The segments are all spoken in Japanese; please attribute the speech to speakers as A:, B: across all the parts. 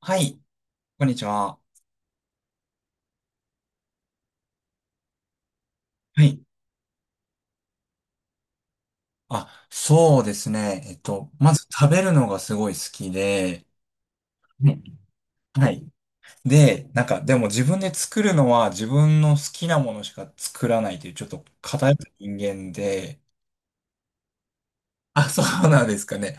A: はい、こんにちは。はい。あ、そうですね。まず食べるのがすごい好きで、ね。はい。で、なんか、でも自分で作るのは自分の好きなものしか作らないという、ちょっと偏った人間で、あ、そうなんですかね。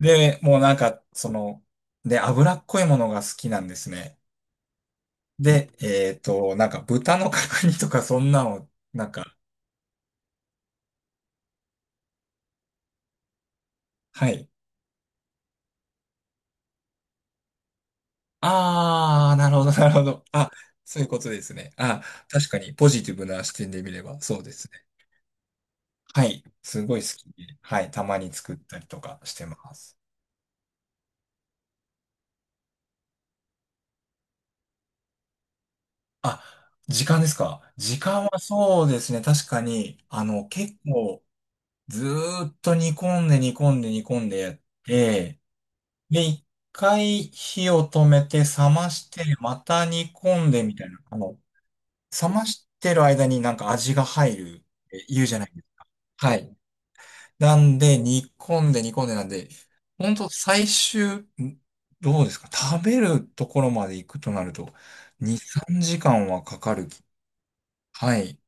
A: で、もうなんか、その、で、脂っこいものが好きなんですね。で、なんか豚の角煮とかそんなの、なんか、はい。ああ、なるほど、なるほど。あ、そういうことですね。あ、確かにポジティブな視点で見ればそうですね。はい。すごい好きで。はい。たまに作ったりとかしてます。あ、時間ですか？時間はそうですね。確かに、結構ずーっと煮込んで煮込んで煮込んでやって、で、一回火を止めて冷まして、また煮込んでみたいな、冷ましてる間になんか味が入るって言うじゃないですか。はい。なんで、煮込んで煮込んでなんで、ほんと最終、んどうですか？食べるところまで行くとなると、2、3時間はかかる。はい。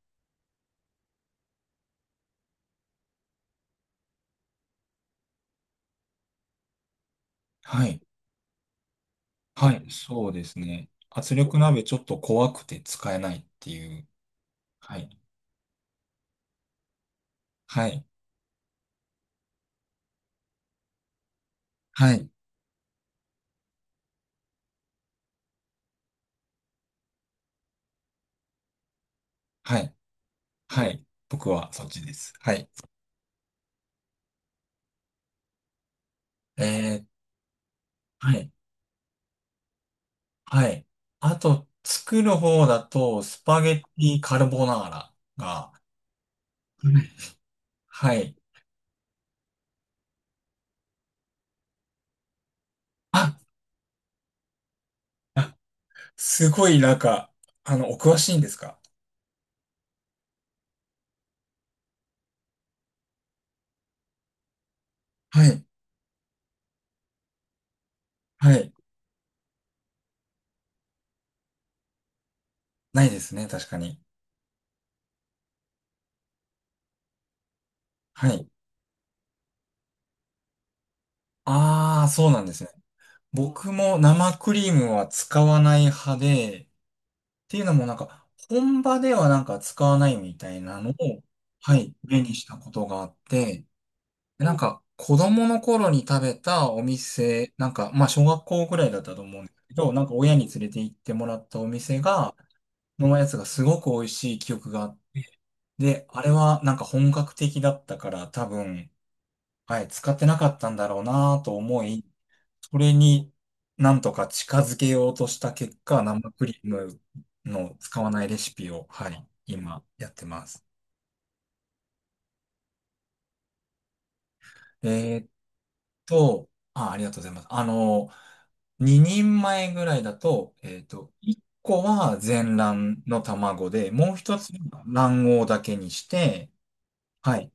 A: はい。はい。そうですね。圧力鍋ちょっと怖くて使えないっていう。はい。はい。はい。はい。はい。僕はそっちです。はい。えー、はい。はい。あと、作る方だと、スパゲッティカルボナーラが、はい。はい。すごいなんか、お詳しいんですか？はい。はい。ないですね、確かに。はい。ああ、そうなんですね。僕も生クリームは使わない派で、っていうのもなんか、本場ではなんか使わないみたいなのを、はい、目にしたことがあって、でなんか、子供の頃に食べたお店、なんか、まあ、小学校ぐらいだったと思うんですけど、なんか親に連れて行ってもらったお店が、のやつがすごく美味しい記憶があって、で、あれはなんか本格的だったから多分、はい、使ってなかったんだろうなと思い、それになんとか近づけようとした結果、生クリームの使わないレシピを、はい、今やってます。えーっと、あ、ありがとうございます。2人前ぐらいだと、1個は全卵の卵で、もう一つは卵黄だけにして、はい。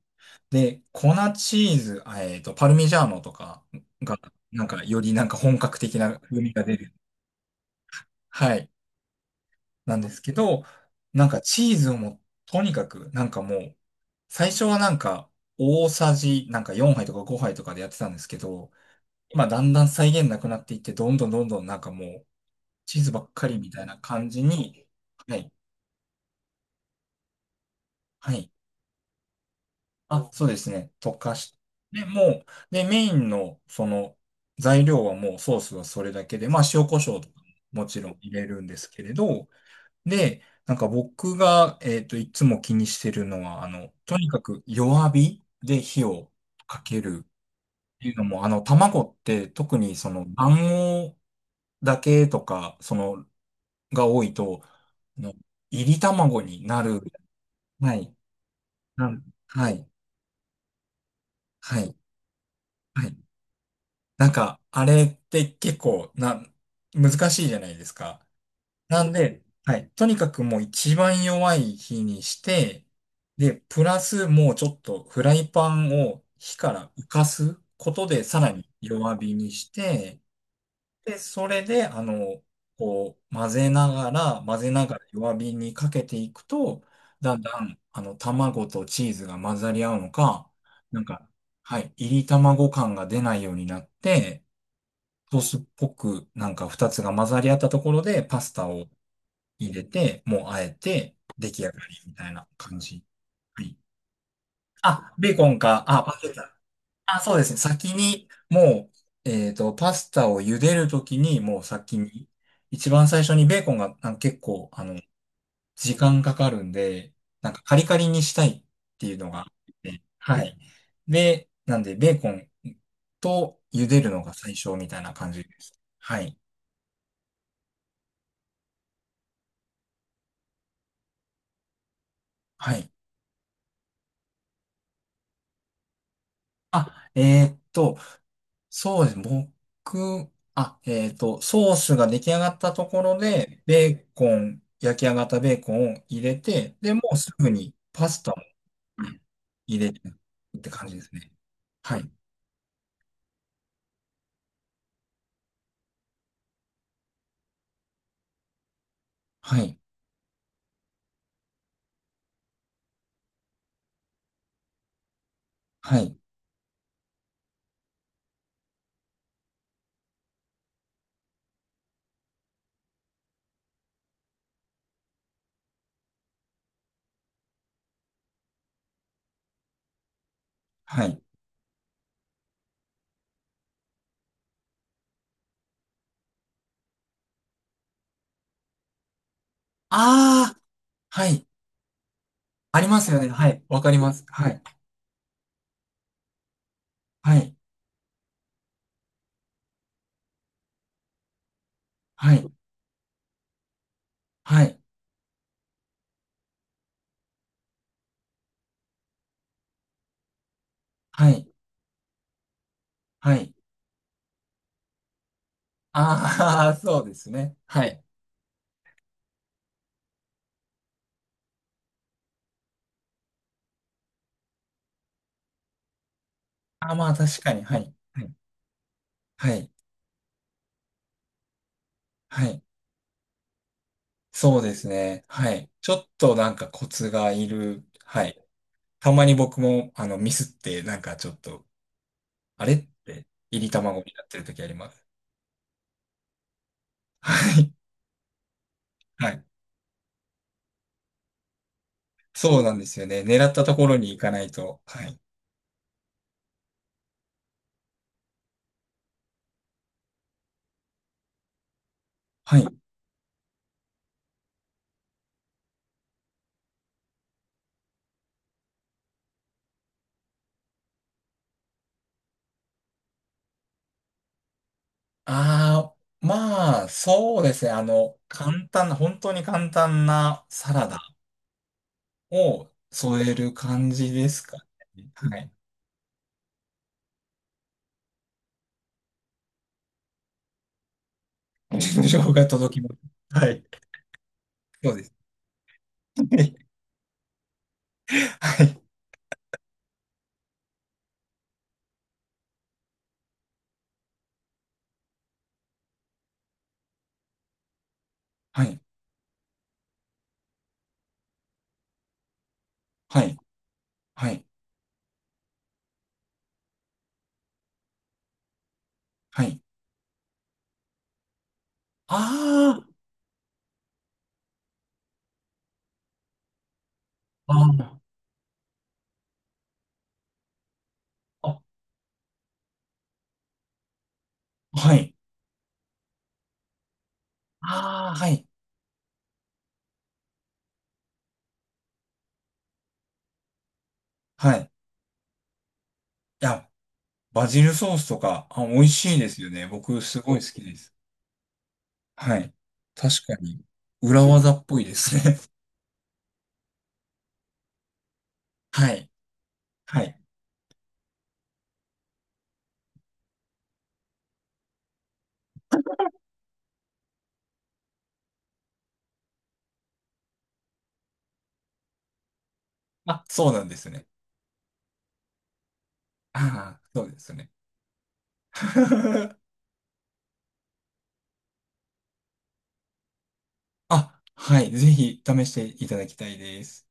A: で、粉チーズ、パルミジャーノとかが、なんか、よりなんか本格的な風味が出る。はい。なんですけど、なんかチーズをもう、とにかく、なんかもう、最初はなんか、大さじ、なんか4杯とか5杯とかでやってたんですけど、今だんだん再現なくなっていって、どんどんどんどんなんかもう、チーズばっかりみたいな感じに、はい。はい。あ、そうですね。溶かして、もう、で、メインの、その、材料はもうソースはそれだけで、まあ、塩コショウとかももちろん入れるんですけれど、で、なんか僕が、いつも気にしてるのは、とにかく弱火で火をかけるっていうのも、卵って特にその卵黄だけとか、その、が多いと、あの、炒り卵になる。はい。はい。はい。はい。なんか、あれって結構な、難しいじゃないですか。なんで、はい。とにかくもう一番弱い火にして、で、プラスもうちょっとフライパンを火から浮かすことでさらに弱火にして、で、それで、こう、混ぜながら、混ぜながら弱火にかけていくと、だんだん、卵とチーズが混ざり合うのか、なんか、はい、炒り卵感が出ないようになって、ソースっぽくなんか二つが混ざり合ったところでパスタを入れて、もうあえて出来上がりみたいな感じ。はい。あ、ベーコンか。あ、パスタ。あ、そうですね。先にもう、パスタを茹でるときにもう先に、一番最初にベーコンがなんか結構、時間かかるんで、なんかカリカリにしたいっていうのがあって、はい。で、なんでベーコンと茹でるのが最初みたいな感じです。はい。はい。あ、そうです。僕、あ、ソースが出来上がったところで、ベーコン、焼き上がったベーコンを入れて、で、もうすぐにパスタもはい入れてって感じですね。はい。はい。はい。はい。ああ、はい。ありますよね。はい。わかります。はい。はい。はい。はい。はい。はい。ああ、そうですね。はい。あー、まあ確かに。はい。はい。はい。はい。そうですね。はい。ちょっとなんかコツがいる。はい。たまに僕も、ミスって、なんかちょっと、あれって、入り卵になってる時あります。はい。はい。そうなんですよね。狙ったところに行かないと。はい。はい。あー、まあ、そうですね。簡単な、本当に簡単なサラダを添える感じですかね。はい。表情報が届きます。はい。そうです。はい。はい。はい。はい。はい。はい。あーあー、ああ、あ、はい。ああ、はい。はい。いや、バジルソースとか、あ、美味しいですよね。僕、すごい好きです。はい。確かに、裏技っぽいですね。はい。はい。あ、そうなんですね。ああ、そうですね。あ、はい。ぜひ、試していただきたいです。